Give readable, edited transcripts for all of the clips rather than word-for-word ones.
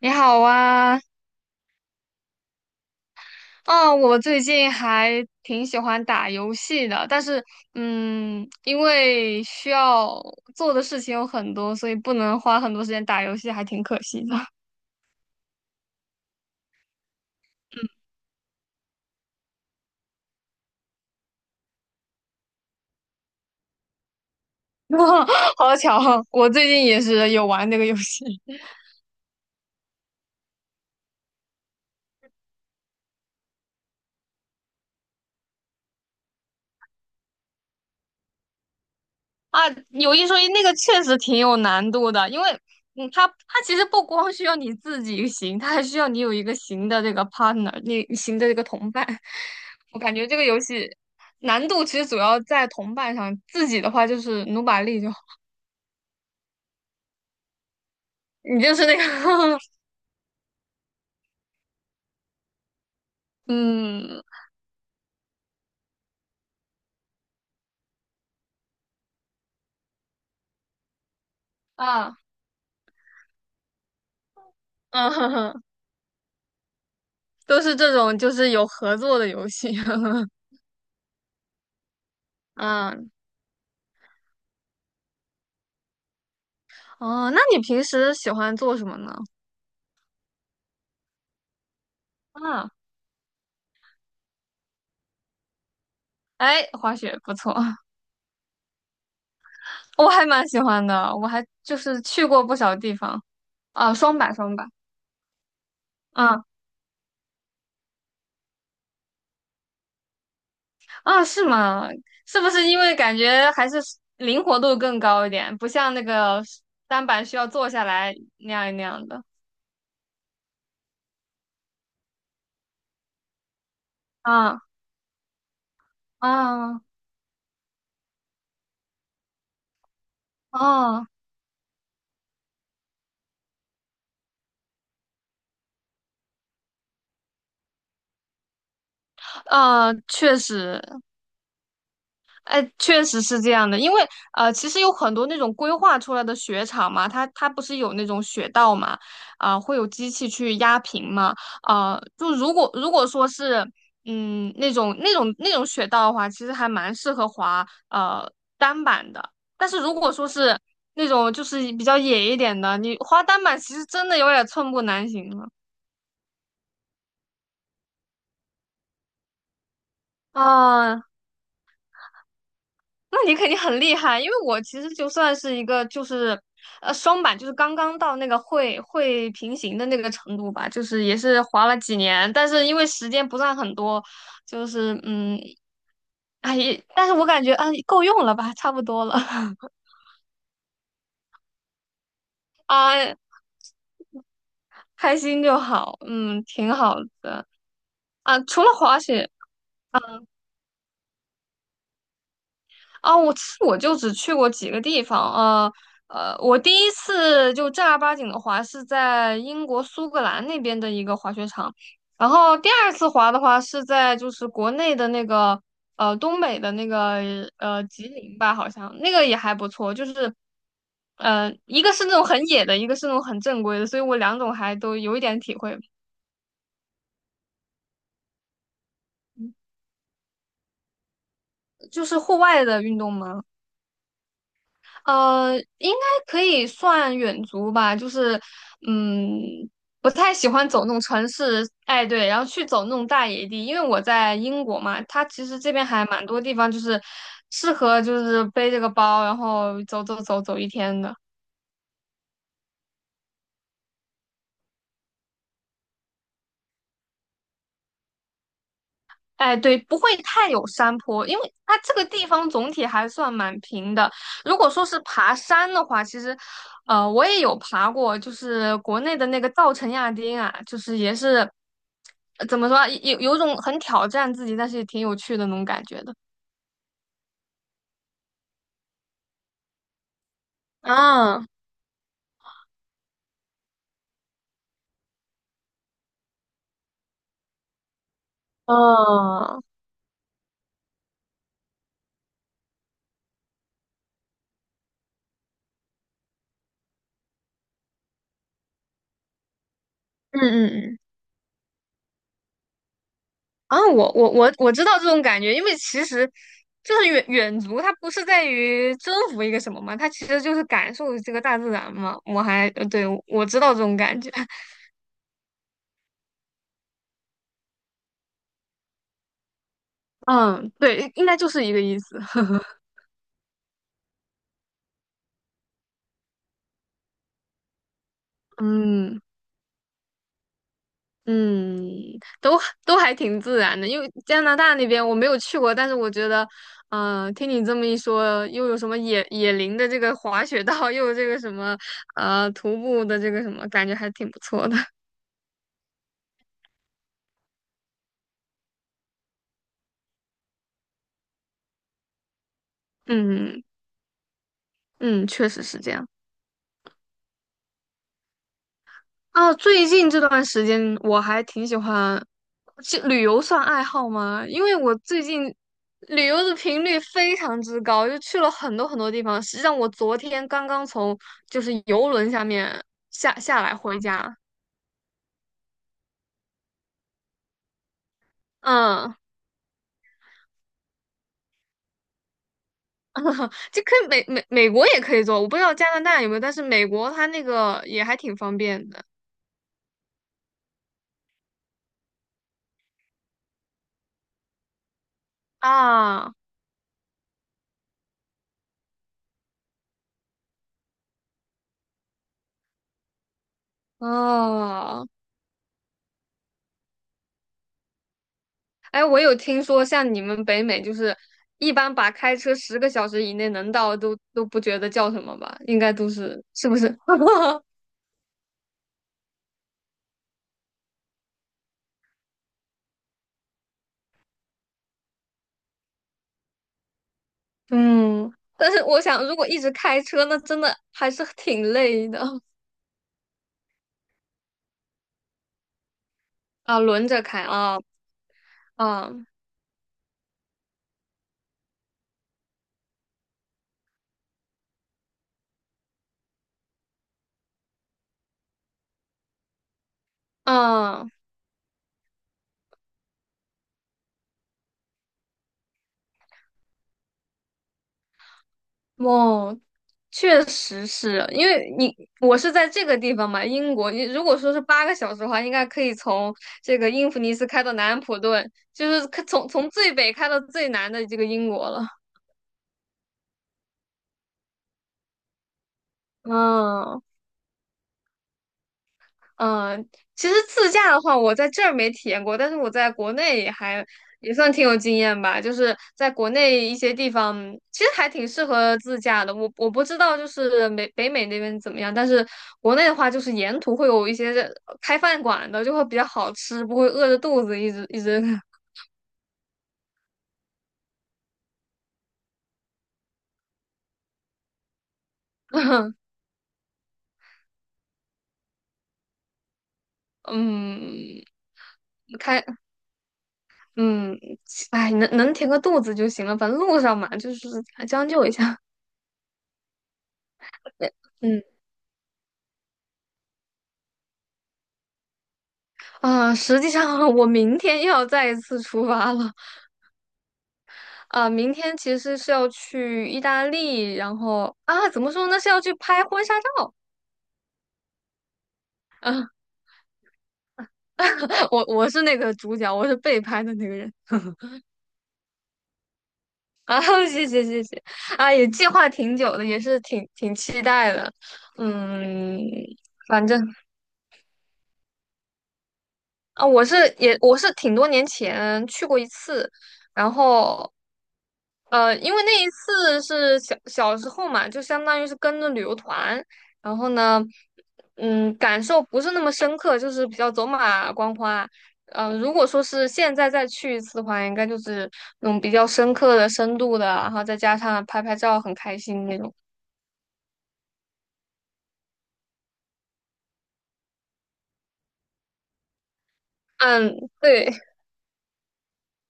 你好啊，我最近还挺喜欢打游戏的，但是，因为需要做的事情有很多，所以不能花很多时间打游戏，还挺可惜的。好巧啊，我最近也是有玩那个游戏。啊，有一说一，那个确实挺有难度的，因为它其实不光需要你自己行，它还需要你有一个行的这个 partner，你行的这个同伴。我感觉这个游戏难度其实主要在同伴上，自己的话就是努把力就好，你就是那个 嗯啊嗯哼哼，都是这种就是有合作的游戏。嗯哦，那你平时喜欢做什么呢？啊，哎，滑雪不错。我还蛮喜欢的，我还就是去过不少地方啊。双板双板，啊啊是吗？是不是因为感觉还是灵活度更高一点，不像那个单板需要坐下来那样那样的？啊啊哦啊确实，哎，确实是这样的，因为其实有很多那种规划出来的雪场嘛，它不是有那种雪道嘛，啊、会有机器去压平嘛，啊、就如果说是那种雪道的话，其实还蛮适合滑单板的，但是如果说是那种就是比较野一点的，你滑单板其实真的有点寸步难行了。啊、那你肯定很厉害，因为我其实就算是一个就是双板，就是刚刚到那个会平行的那个程度吧，就是也是滑了几年，但是因为时间不算很多，就是哎，也但是我感觉啊够用了吧，差不多了。 啊，开心就好，挺好的啊。除了滑雪。啊，我其实我就只去过几个地方，我第一次就正儿八经的滑是在英国苏格兰那边的一个滑雪场，然后第二次滑的话是在就是国内的那个东北的那个吉林吧，好像那个也还不错，就是一个是那种很野的，一个是那种很正规的，所以我两种还都有一点体会，就是户外的运动嘛。应该可以算远足吧，就是，嗯，不太喜欢走那种城市，哎，对，然后去走那种大野地，因为我在英国嘛，它其实这边还蛮多地方就是适合就是背这个包，然后走走走走一天的。哎，对，不会太有山坡，因为它这个地方总体还算蛮平的。如果说是爬山的话，其实，我也有爬过，就是国内的那个稻城亚丁啊，就是也是，怎么说啊有种很挑战自己，但是也挺有趣的那种感觉的。啊，哦，嗯嗯嗯。啊，我知道这种感觉，因为其实就是远足，它不是在于征服一个什么嘛，它其实就是感受这个大自然嘛。我还对，我知道这种感觉。嗯，对，应该就是一个意思。嗯嗯，都都还挺自然的，因为加拿大那边我没有去过，但是我觉得，听你这么一说，又有什么野林的这个滑雪道，又有这个什么徒步的这个什么，感觉还挺不错的。嗯嗯，确实是这样。啊，最近这段时间我还挺喜欢，去旅游算爱好吗？因为我最近旅游的频率非常之高，就去了很多很多地方。实际上，我昨天刚刚从就是游轮下面下来回家。嗯，就可以美国也可以坐，我不知道加拿大有没有，但是美国它那个也还挺方便的啊。哦，哎，我有听说，像你们北美，就是一般把开车10个小时以内能到都不觉得叫什么吧？应该都是不是？嗯，但是我想，如果一直开车，那真的还是挺累的啊，轮着开啊啊啊！哦，确实是，因为你我是在这个地方嘛，英国，你如果说是8个小时的话，应该可以从这个英弗尼斯开到南安普顿，就是可从最北开到最南的这个英国了。嗯嗯，其实自驾的话，我在这儿没体验过，但是我在国内也还也算挺有经验吧。就是在国内一些地方，其实还挺适合自驾的。我不知道就是北美那边怎么样，但是国内的话，就是沿途会有一些开饭馆的，就会比较好吃，不会饿着肚子一直一直。 嗯开嗯哎，能填个肚子就行了，反正路上嘛，就是将就一下。嗯。啊、实际上 我明天又要再一次出发了。啊、明天其实是要去意大利，然后啊，怎么说呢，是要去拍婚纱照。我是那个主角，我是被拍的那个人啊。谢谢谢谢。啊，也计划挺久的，也是挺期待的。嗯，反正。啊，我是挺多年前去过一次，然后因为那一次是小时候嘛，就相当于是跟着旅游团，然后呢，感受不是那么深刻，就是比较走马观花。如果说是现在再去一次的话，应该就是那种比较深刻的、深度的，然后再加上拍拍照很开心那种。嗯，对。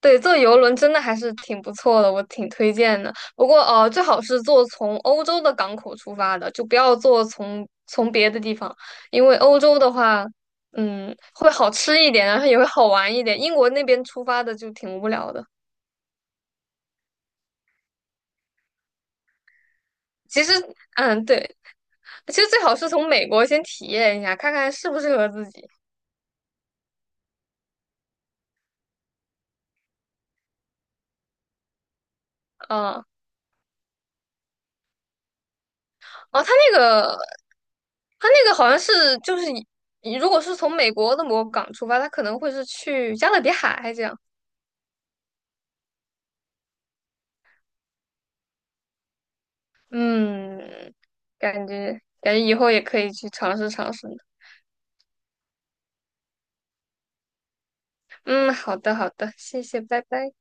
对，坐游轮真的还是挺不错的，我挺推荐的。不过，最好是坐从欧洲的港口出发的，就不要坐从别的地方，因为欧洲的话，会好吃一点，然后也会好玩一点。英国那边出发的就挺无聊的。其实，嗯，对，其实最好是从美国先体验一下，看看适不适合自己。啊，哦，他那个好像是就是以如果是从美国的某个港出发，他可能会是去加勒比海这样。嗯，感觉感觉以后也可以去尝试尝试呢。嗯，好的好的，谢谢，拜拜。